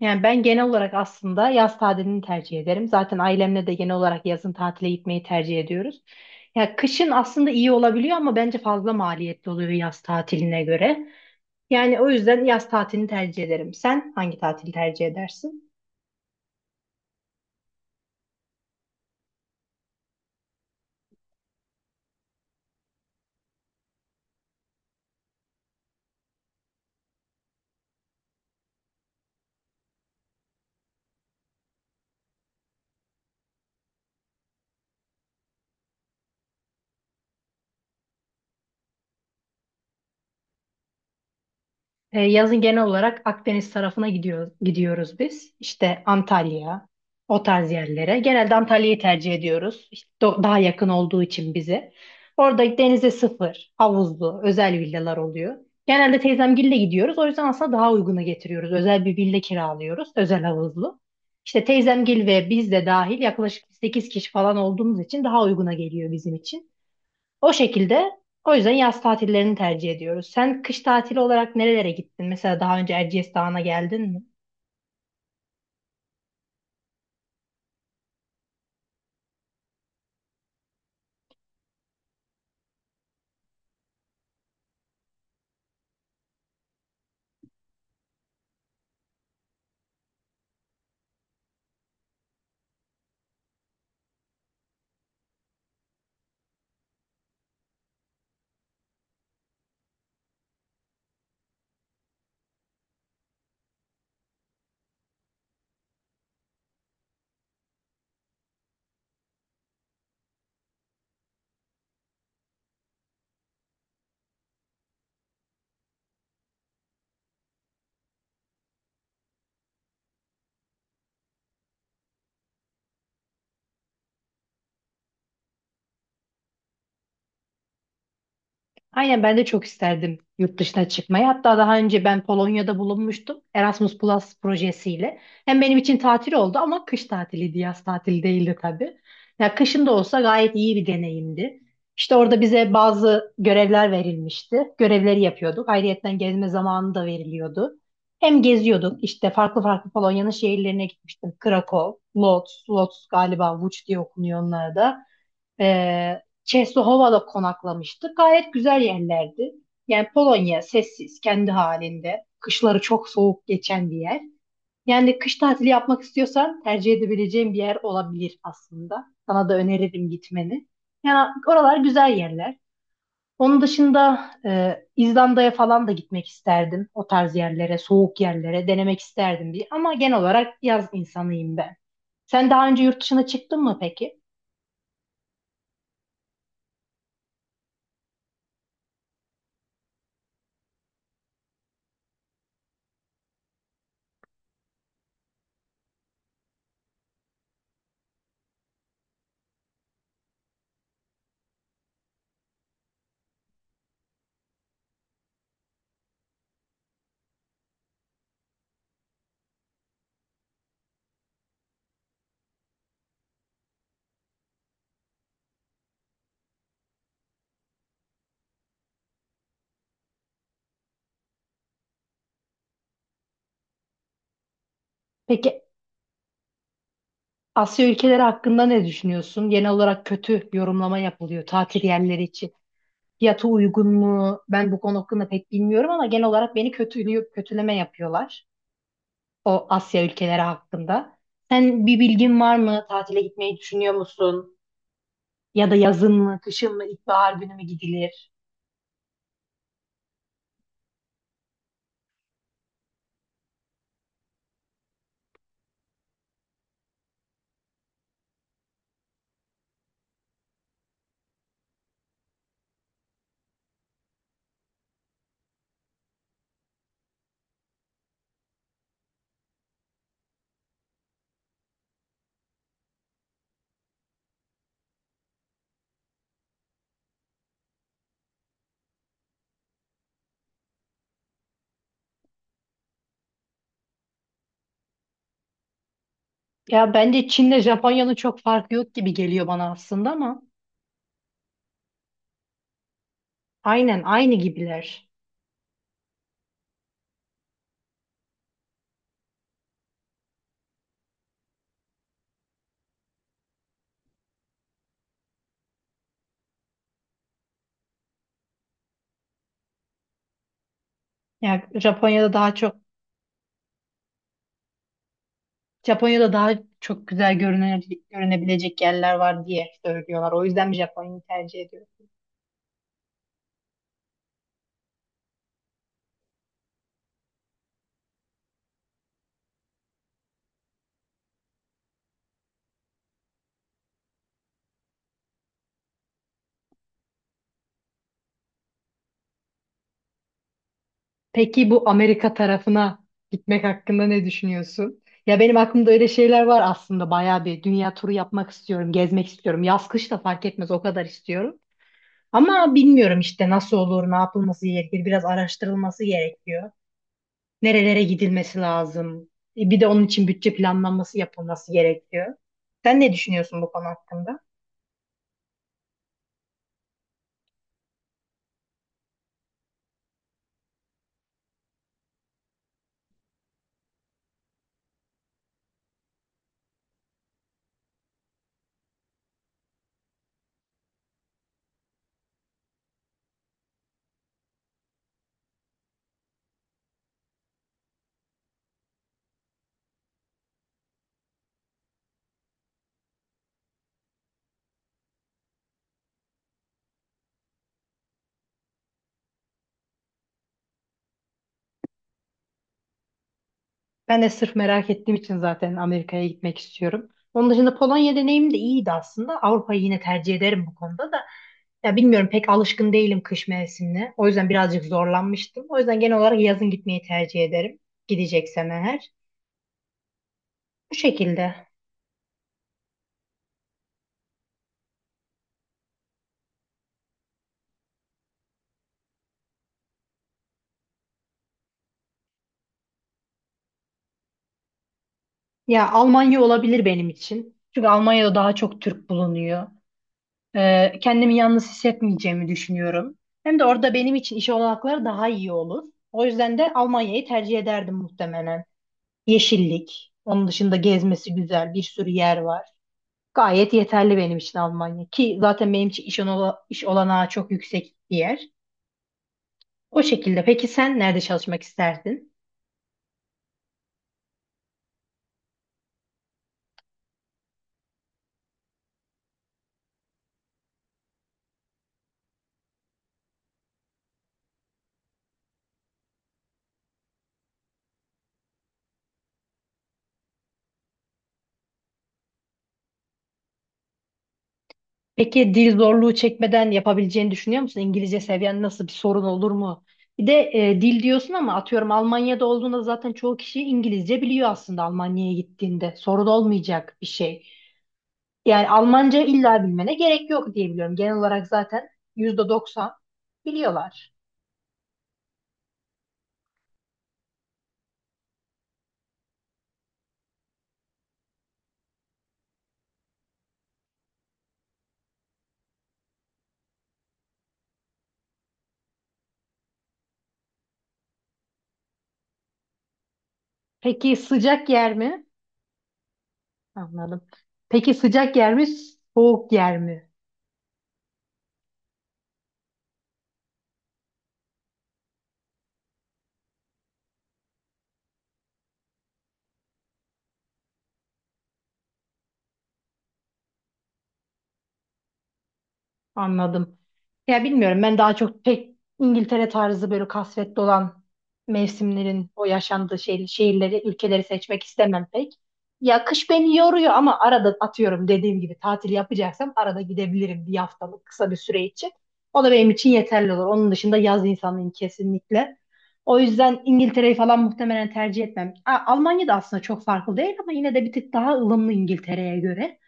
Yani ben genel olarak aslında yaz tatilini tercih ederim. Zaten ailemle de genel olarak yazın tatile gitmeyi tercih ediyoruz. Ya kışın aslında iyi olabiliyor ama bence fazla maliyetli oluyor yaz tatiline göre. Yani o yüzden yaz tatilini tercih ederim. Sen hangi tatili tercih edersin? Yazın genel olarak Akdeniz tarafına gidiyoruz biz. İşte Antalya, o tarz yerlere. Genelde Antalya'yı tercih ediyoruz. İşte daha yakın olduğu için bize. Orada denize sıfır, havuzlu, özel villalar oluyor. Genelde teyzemgille gidiyoruz. O yüzden aslında daha uygunu getiriyoruz. Özel bir villa kiralıyoruz, özel havuzlu. İşte teyzemgil ve biz de dahil yaklaşık 8 kişi falan olduğumuz için daha uyguna geliyor bizim için. O şekilde, o yüzden yaz tatillerini tercih ediyoruz. Sen kış tatili olarak nerelere gittin? Mesela daha önce Erciyes Dağı'na geldin mi? Aynen, ben de çok isterdim yurt dışına çıkmayı. Hatta daha önce ben Polonya'da bulunmuştum Erasmus Plus projesiyle. Hem benim için tatil oldu ama kış tatiliydi, yaz tatili değildi tabii. Ya kışın da olsa gayet iyi bir deneyimdi. İşte orada bize bazı görevler verilmişti. Görevleri yapıyorduk. Ayrıyeten gezme zamanı da veriliyordu. Hem geziyorduk işte farklı farklı Polonya'nın şehirlerine gitmiştim. Krakow, Lodz, Lodz galiba Łódź diye okunuyor onlar da. Çeslohova konaklamıştık. Gayet güzel yerlerdi. Yani Polonya sessiz, kendi halinde. Kışları çok soğuk geçen bir yer. Yani kış tatili yapmak istiyorsan tercih edebileceğin bir yer olabilir aslında. Sana da öneririm gitmeni. Yani oralar güzel yerler. Onun dışında İzlanda'ya falan da gitmek isterdim. O tarz yerlere, soğuk yerlere denemek isterdim diye. Ama genel olarak yaz insanıyım ben. Sen daha önce yurt dışına çıktın mı peki? Peki Asya ülkeleri hakkında ne düşünüyorsun? Genel olarak kötü yorumlama yapılıyor tatil yerleri için. Fiyatı uygun mu? Ben bu konu hakkında pek bilmiyorum ama genel olarak beni kötülüyor, kötüleme yapıyorlar o Asya ülkeleri hakkında. Sen bir bilgin var mı? Tatile gitmeyi düşünüyor musun? Ya da yazın mı, kışın mı, ilkbahar günü mü gidilir? Ya bence Çin'le Japonya'nın çok farkı yok gibi geliyor bana aslında ama aynen aynı gibiler. Ya Japonya'da daha çok güzel görünebilecek yerler var diye söylüyorlar. O yüzden Japonya'yı tercih ediyorum. Peki bu Amerika tarafına gitmek hakkında ne düşünüyorsun? Ya benim aklımda öyle şeyler var aslında. Bayağı bir dünya turu yapmak istiyorum, gezmek istiyorum. Yaz kış da fark etmez o kadar istiyorum. Ama bilmiyorum işte nasıl olur, ne yapılması gerekir. Biraz araştırılması gerekiyor. Nerelere gidilmesi lazım. Bir de onun için bütçe planlanması yapılması gerekiyor. Sen ne düşünüyorsun bu konu hakkında? Ben de sırf merak ettiğim için zaten Amerika'ya gitmek istiyorum. Onun dışında Polonya deneyimim de iyiydi aslında. Avrupa'yı yine tercih ederim bu konuda da. Ya bilmiyorum pek alışkın değilim kış mevsimine. O yüzden birazcık zorlanmıştım. O yüzden genel olarak yazın gitmeyi tercih ederim. Gideceksem eğer. Bu şekilde. Ya Almanya olabilir benim için. Çünkü Almanya'da daha çok Türk bulunuyor. Kendimi yalnız hissetmeyeceğimi düşünüyorum. Hem de orada benim için iş olanakları daha iyi olur. O yüzden de Almanya'yı tercih ederdim muhtemelen. Yeşillik. Onun dışında gezmesi güzel. Bir sürü yer var. Gayet yeterli benim için Almanya. Ki zaten benim için iş olanağı çok yüksek bir yer. O şekilde. Peki sen nerede çalışmak isterdin? Peki dil zorluğu çekmeden yapabileceğini düşünüyor musun? İngilizce seviyen nasıl, bir sorun olur mu? Bir de dil diyorsun ama atıyorum Almanya'da olduğunda zaten çoğu kişi İngilizce biliyor aslında Almanya'ya gittiğinde. Sorun olmayacak bir şey. Yani Almanca illa bilmene gerek yok diye biliyorum. Genel olarak zaten %90 biliyorlar. Peki sıcak yer mi? Anladım. Peki sıcak yer mi, soğuk yer mi? Anladım. Ya bilmiyorum, ben daha çok pek İngiltere tarzı böyle kasvetli olan mevsimlerin o yaşandığı şehirleri, ülkeleri seçmek istemem pek. Ya kış beni yoruyor ama arada atıyorum dediğim gibi tatil yapacaksam arada gidebilirim bir haftalık kısa bir süre için. O da benim için yeterli olur. Onun dışında yaz insanıyım kesinlikle. O yüzden İngiltere'yi falan muhtemelen tercih etmem. Almanya da aslında çok farklı değil ama yine de bir tık daha ılımlı İngiltere'ye göre.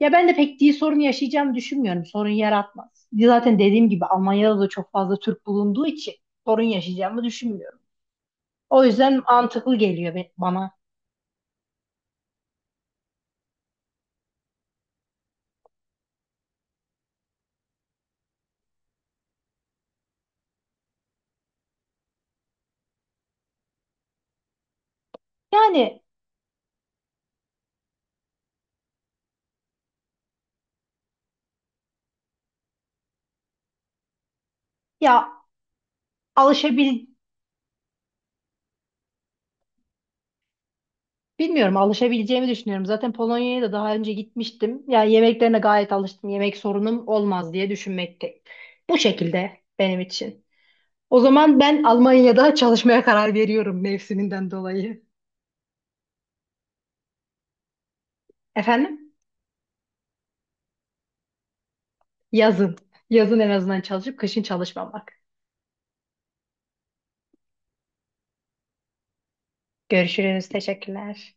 Ya ben de pek dil sorunu yaşayacağımı düşünmüyorum. Sorun yaratmaz. Zaten dediğim gibi Almanya'da da çok fazla Türk bulunduğu için sorun yaşayacağımı düşünmüyorum. O yüzden mantıklı geliyor bana. Yani ya alışabil bilmiyorum alışabileceğimi düşünüyorum. Zaten Polonya'ya da daha önce gitmiştim. Ya yemeklerine gayet alıştım. Yemek sorunum olmaz diye düşünmekteyim. Bu şekilde benim için. O zaman ben Almanya'da çalışmaya karar veriyorum mevsiminden dolayı. Efendim? Yazın. Yazın en azından çalışıp kışın çalışmamak. Görüşürüz. Teşekkürler.